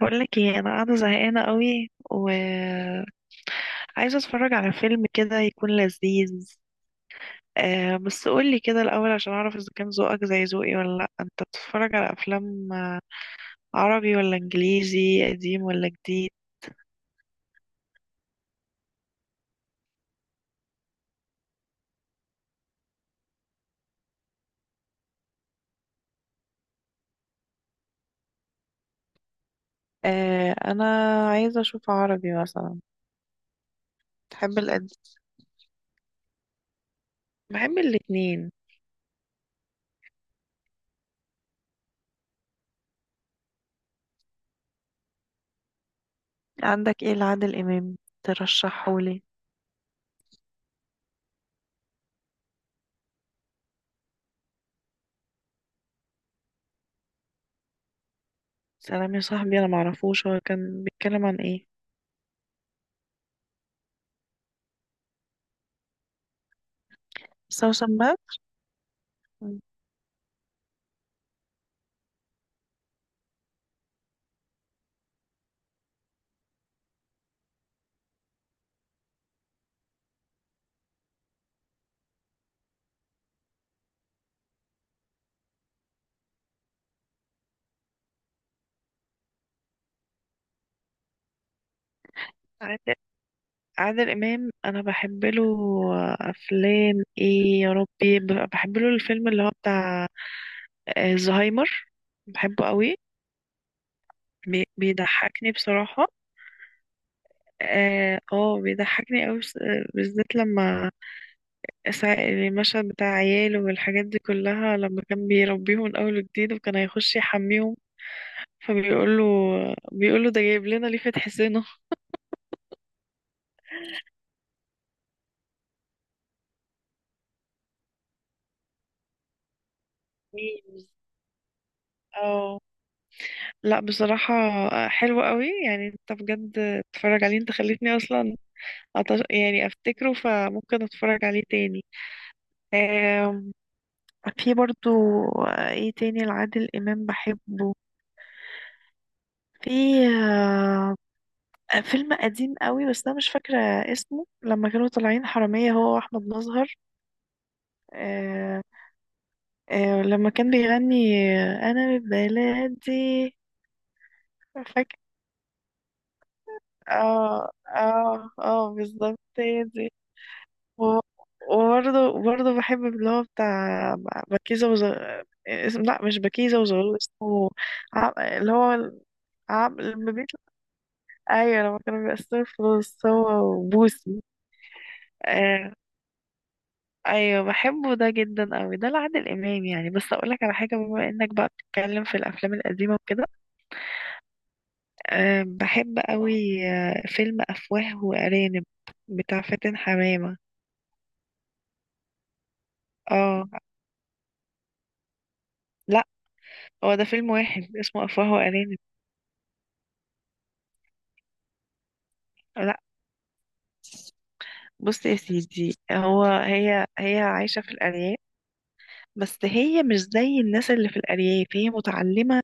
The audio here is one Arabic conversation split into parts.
بقول لك ايه، انا قاعده زهقانه قوي و عايزه اتفرج على فيلم كده يكون لذيذ. آه، بس قول لي كده الاول عشان اعرف اذا كان ذوقك زي ذوقي ولا لا. انت بتتفرج على افلام عربي ولا انجليزي، قديم ولا جديد؟ آه، انا عايزه اشوف عربي مثلا. بحب القديم، بحب الاتنين. عندك ايه لعادل امام ترشحهولي؟ سلام يا صاحبي، انا معرفوش هو كان بيتكلم عن ايه. بس هو سماع. عادل امام انا بحب له افلام ايه يا ربي، بحب له الفيلم اللي هو بتاع الزهايمر. بحبه قوي، بيضحكني بصراحة. اه، بيضحكني قوي، بالذات لما المشهد بتاع عياله والحاجات دي كلها، لما كان بيربيهم من اول وجديد وكان هيخش يحميهم، فبيقول له، بيقول له ده جايب لنا ليه فتح سنه. ميمز، اه. لا بصراحة، حلو قوي يعني. انت بجد اتفرج عليه، انت خليتني اصلا يعني افتكره فممكن اتفرج عليه تاني. آم، في برضو ايه تاني لعادل امام بحبه؟ في آه، فيلم قديم قوي بس انا مش فاكرة اسمه، لما كانوا طالعين حرامية هو واحمد مظهر. آه، لما كان بيغني انا من بلادي. فاكر. اه اه، اه بالظبط هي دي. و- وبرضه برضه بحب اللي هو بتاع بكيزة وز. اسم، لا، مش بكيزة وزغلول اسمه. اللي هو لما بيطلع. أيوة، لما كانوا بيقسموا الفلوس هو وبوسي. آه... أيوة بحبه ده جدا أوي، ده لعادل إمام يعني. بس أقولك على حاجة، بما إنك بقى بتتكلم في الأفلام القديمة وكده، بحب أوي فيلم أفواه وأرانب بتاع فاتن حمامة. اه، لا، هو ده فيلم واحد اسمه أفواه وأرانب. لا بص يا سيدي، هو هي هي عايشة في الأرياف، بس هي مش زي الناس اللي في الأرياف، هي متعلمة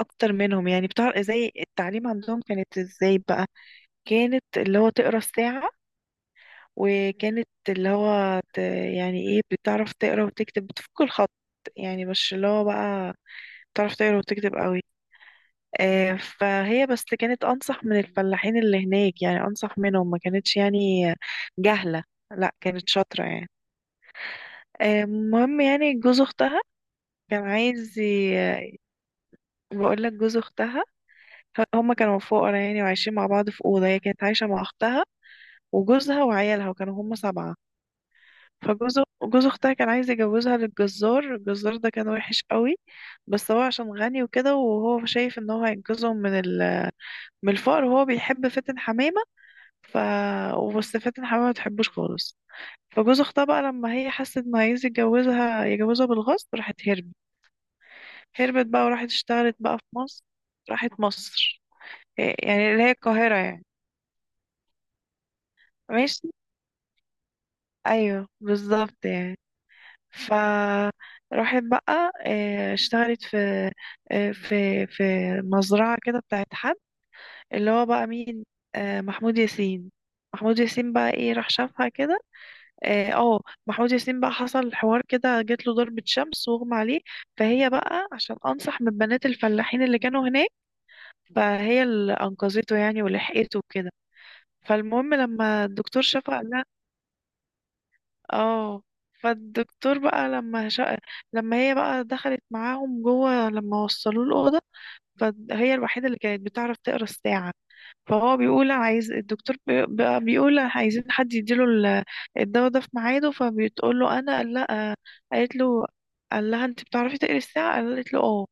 أكتر منهم. يعني بتعرف زي التعليم عندهم كانت ازاي بقى، كانت اللي هو تقرا الساعة، وكانت اللي هو يعني ايه، بتعرف تقرا وتكتب، بتفك الخط يعني، مش اللي هو بقى بتعرف تقرا وتكتب قوي. فهي بس كانت أنصح من الفلاحين اللي هناك، يعني أنصح منهم، ما كانتش يعني جهلة، لا كانت شاطرة يعني. المهم يعني، جوز اختها كان عايز بقول لك، جوز اختها هما كانوا فقراء يعني، وعايشين مع بعض في اوضه، هي كانت عايشه مع اختها وجوزها وعيالها وكانوا هما سبعه. فجوز جوز اختها كان عايز يجوزها للجزار، الجزار ده كان وحش قوي، بس هو عشان غني وكده، وهو شايف ان هو هينقذهم من من الفقر، وهو بيحب فاتن حمامه. ف بس فاتن حمامه ما تحبوش خالص. فجوز اختها بقى لما هي حست انه عايز يتجوزها يجوزها بالغصب، راحت هربت، هربت بقى وراحت اشتغلت بقى في مصر. راحت مصر، إيه يعني اللي هي القاهرة يعني. ماشي، ايوه بالظبط يعني. ف راحت بقى، اشتغلت في في مزرعة كده بتاعت حد. اللي هو بقى مين؟ محمود ياسين. محمود ياسين بقى ايه، راح شافها كده. اه آه، محمود ياسين بقى حصل حوار كده، جات له ضربة شمس واغمى عليه. فهي بقى عشان انصح من بنات الفلاحين اللي كانوا هناك، فهي اللي انقذته يعني ولحقته كده. فالمهم لما الدكتور شافها قال لها اه فالدكتور بقى لما لما هي بقى دخلت معاهم جوه، لما وصلوه الأوضة، فهي الوحيدة اللي كانت بتعرف تقرا الساعة. فهو بيقول عايز الدكتور بقى بيقول عايزين حد يديله الدواء ده في ميعاده، فبتقول له انا، قال لا، قالت له، قال لها انت بتعرفي تقري الساعة؟ قالت له اه.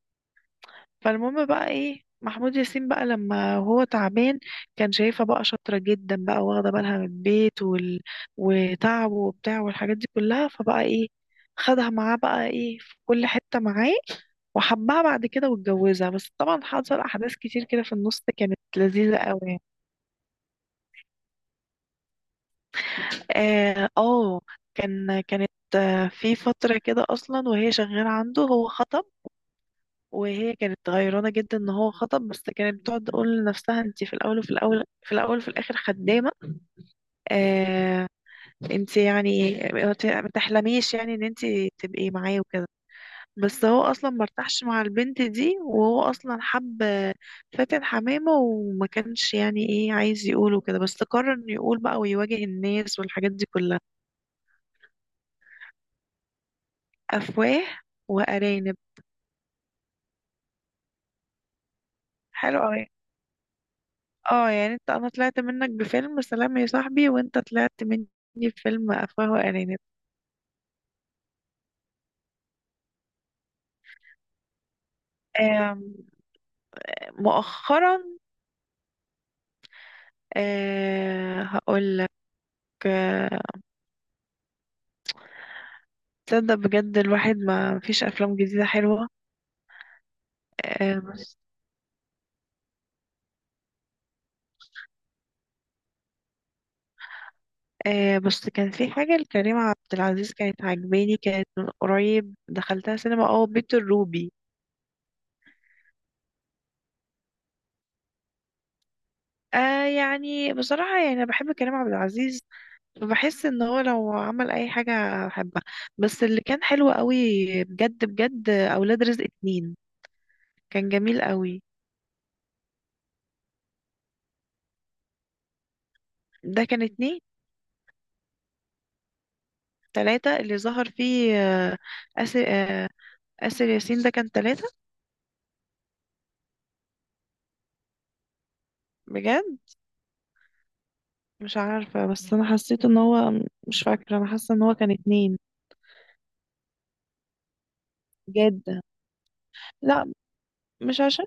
فالمهم بقى ايه، محمود ياسين بقى لما هو تعبان كان شايفها بقى شاطرة جدا، بقى واخدة بالها من البيت وتعبه وبتاع والحاجات دي كلها، فبقى ايه، خدها معاه بقى ايه في كل حتة معاه، وحبها بعد كده واتجوزها، بس طبعا حصل احداث كتير كده في النص كانت لذيذة قوي يعني. اه آه، كانت في فترة كده اصلا وهي شغالة عنده هو خطأ، وهي كانت غيرانة جدا ان هو خطب، بس كانت بتقعد تقول لنفسها انت في الاول، وفي الاول، في الاول، وفي الاخر خدامة. آه انت يعني ما تحلميش يعني ان انت تبقي معاه وكده. بس هو اصلا مرتاحش مع البنت دي، وهو اصلا حب فاتن حمامة، وما كانش يعني ايه عايز يقوله كده، بس قرر انه يقول بقى ويواجه الناس والحاجات دي كلها. افواه وارانب. حلو قوي. اه، يعني انت انا طلعت منك بفيلم سلام يا صاحبي وانت طلعت مني بفيلم افواه وارانب. آم، مؤخرا؟ هقول لك، آه، تصدق بجد، الواحد ما فيش افلام جديده حلوه. أه بس أه بس كان في حاجه لكريم عبد العزيز كانت عجباني، كانت من قريب دخلتها سينما، بيت الروبي. يعني بصراحه يعني، انا بحب كريم عبد العزيز، بحس ان هو لو عمل اي حاجة احبها، بس اللي كان حلو قوي بجد بجد اولاد رزق اتنين، كان جميل قوي. ده كان اتنين. تلاتة اللي ظهر فيه آسر آه، آسر ياسين ده كان تلاتة. بجد مش عارفة، بس انا حسيت ان هو، مش فاكرة، انا حاسة ان هو كان اتنين. بجد لا، مش عشان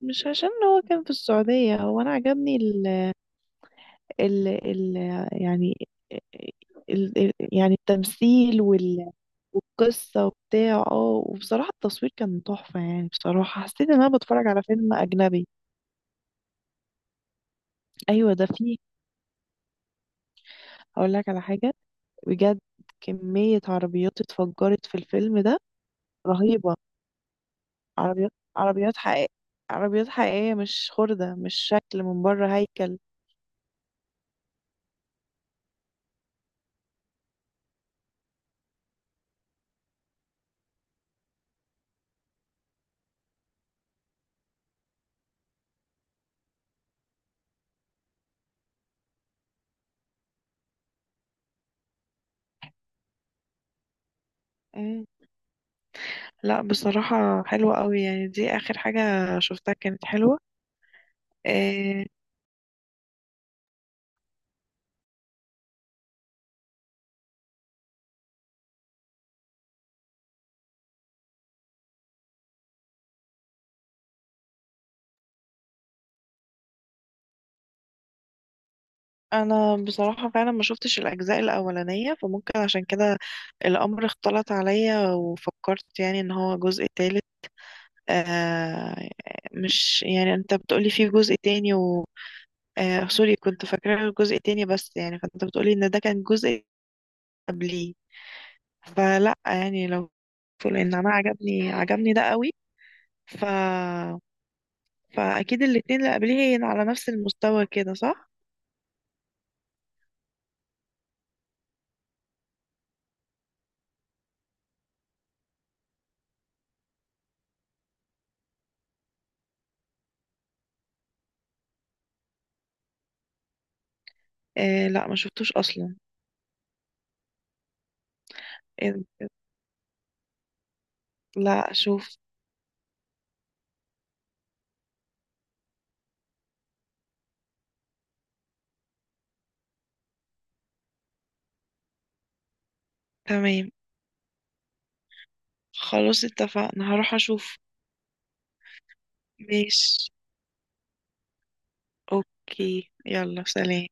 مش عشان هو كان في السعودية، هو انا عجبني ال ال ال يعني ال ال يعني التمثيل والقصة وبتاع، وبصراحة التصوير كان تحفة يعني. بصراحة حسيت ان انا بتفرج على فيلم اجنبي. ايوه ده فيه، هقول لك على حاجة بجد، كمية عربيات اتفجرت في الفيلم ده رهيبة. عربيات حقيقية، عربيات حقيقية، مش خردة، مش شكل من بره هيكل. مم. لا بصراحة حلوة قوي يعني، دي اخر حاجة شفتها كانت حلوة. آه، انا بصراحة فعلا ما شفتش الاجزاء الاولانية، فممكن عشان كده الامر اختلط عليا، وفكرت يعني ان هو جزء تالت. آه مش يعني انت بتقولي فيه جزء تاني، سوري، كنت فاكرة الجزء تاني بس، يعني فانت بتقولي ان ده كان جزء قبليه. فلا يعني، لو لان انا عجبني ده قوي. ف فاكيد الاتنين اللي قبليه هي على نفس المستوى كده صح؟ لا ما شفتوش اصلا. إيه- لا شوف، تمام، خلاص اتفقنا، هروح اشوف. ماشي، اوكي، يلا سلام.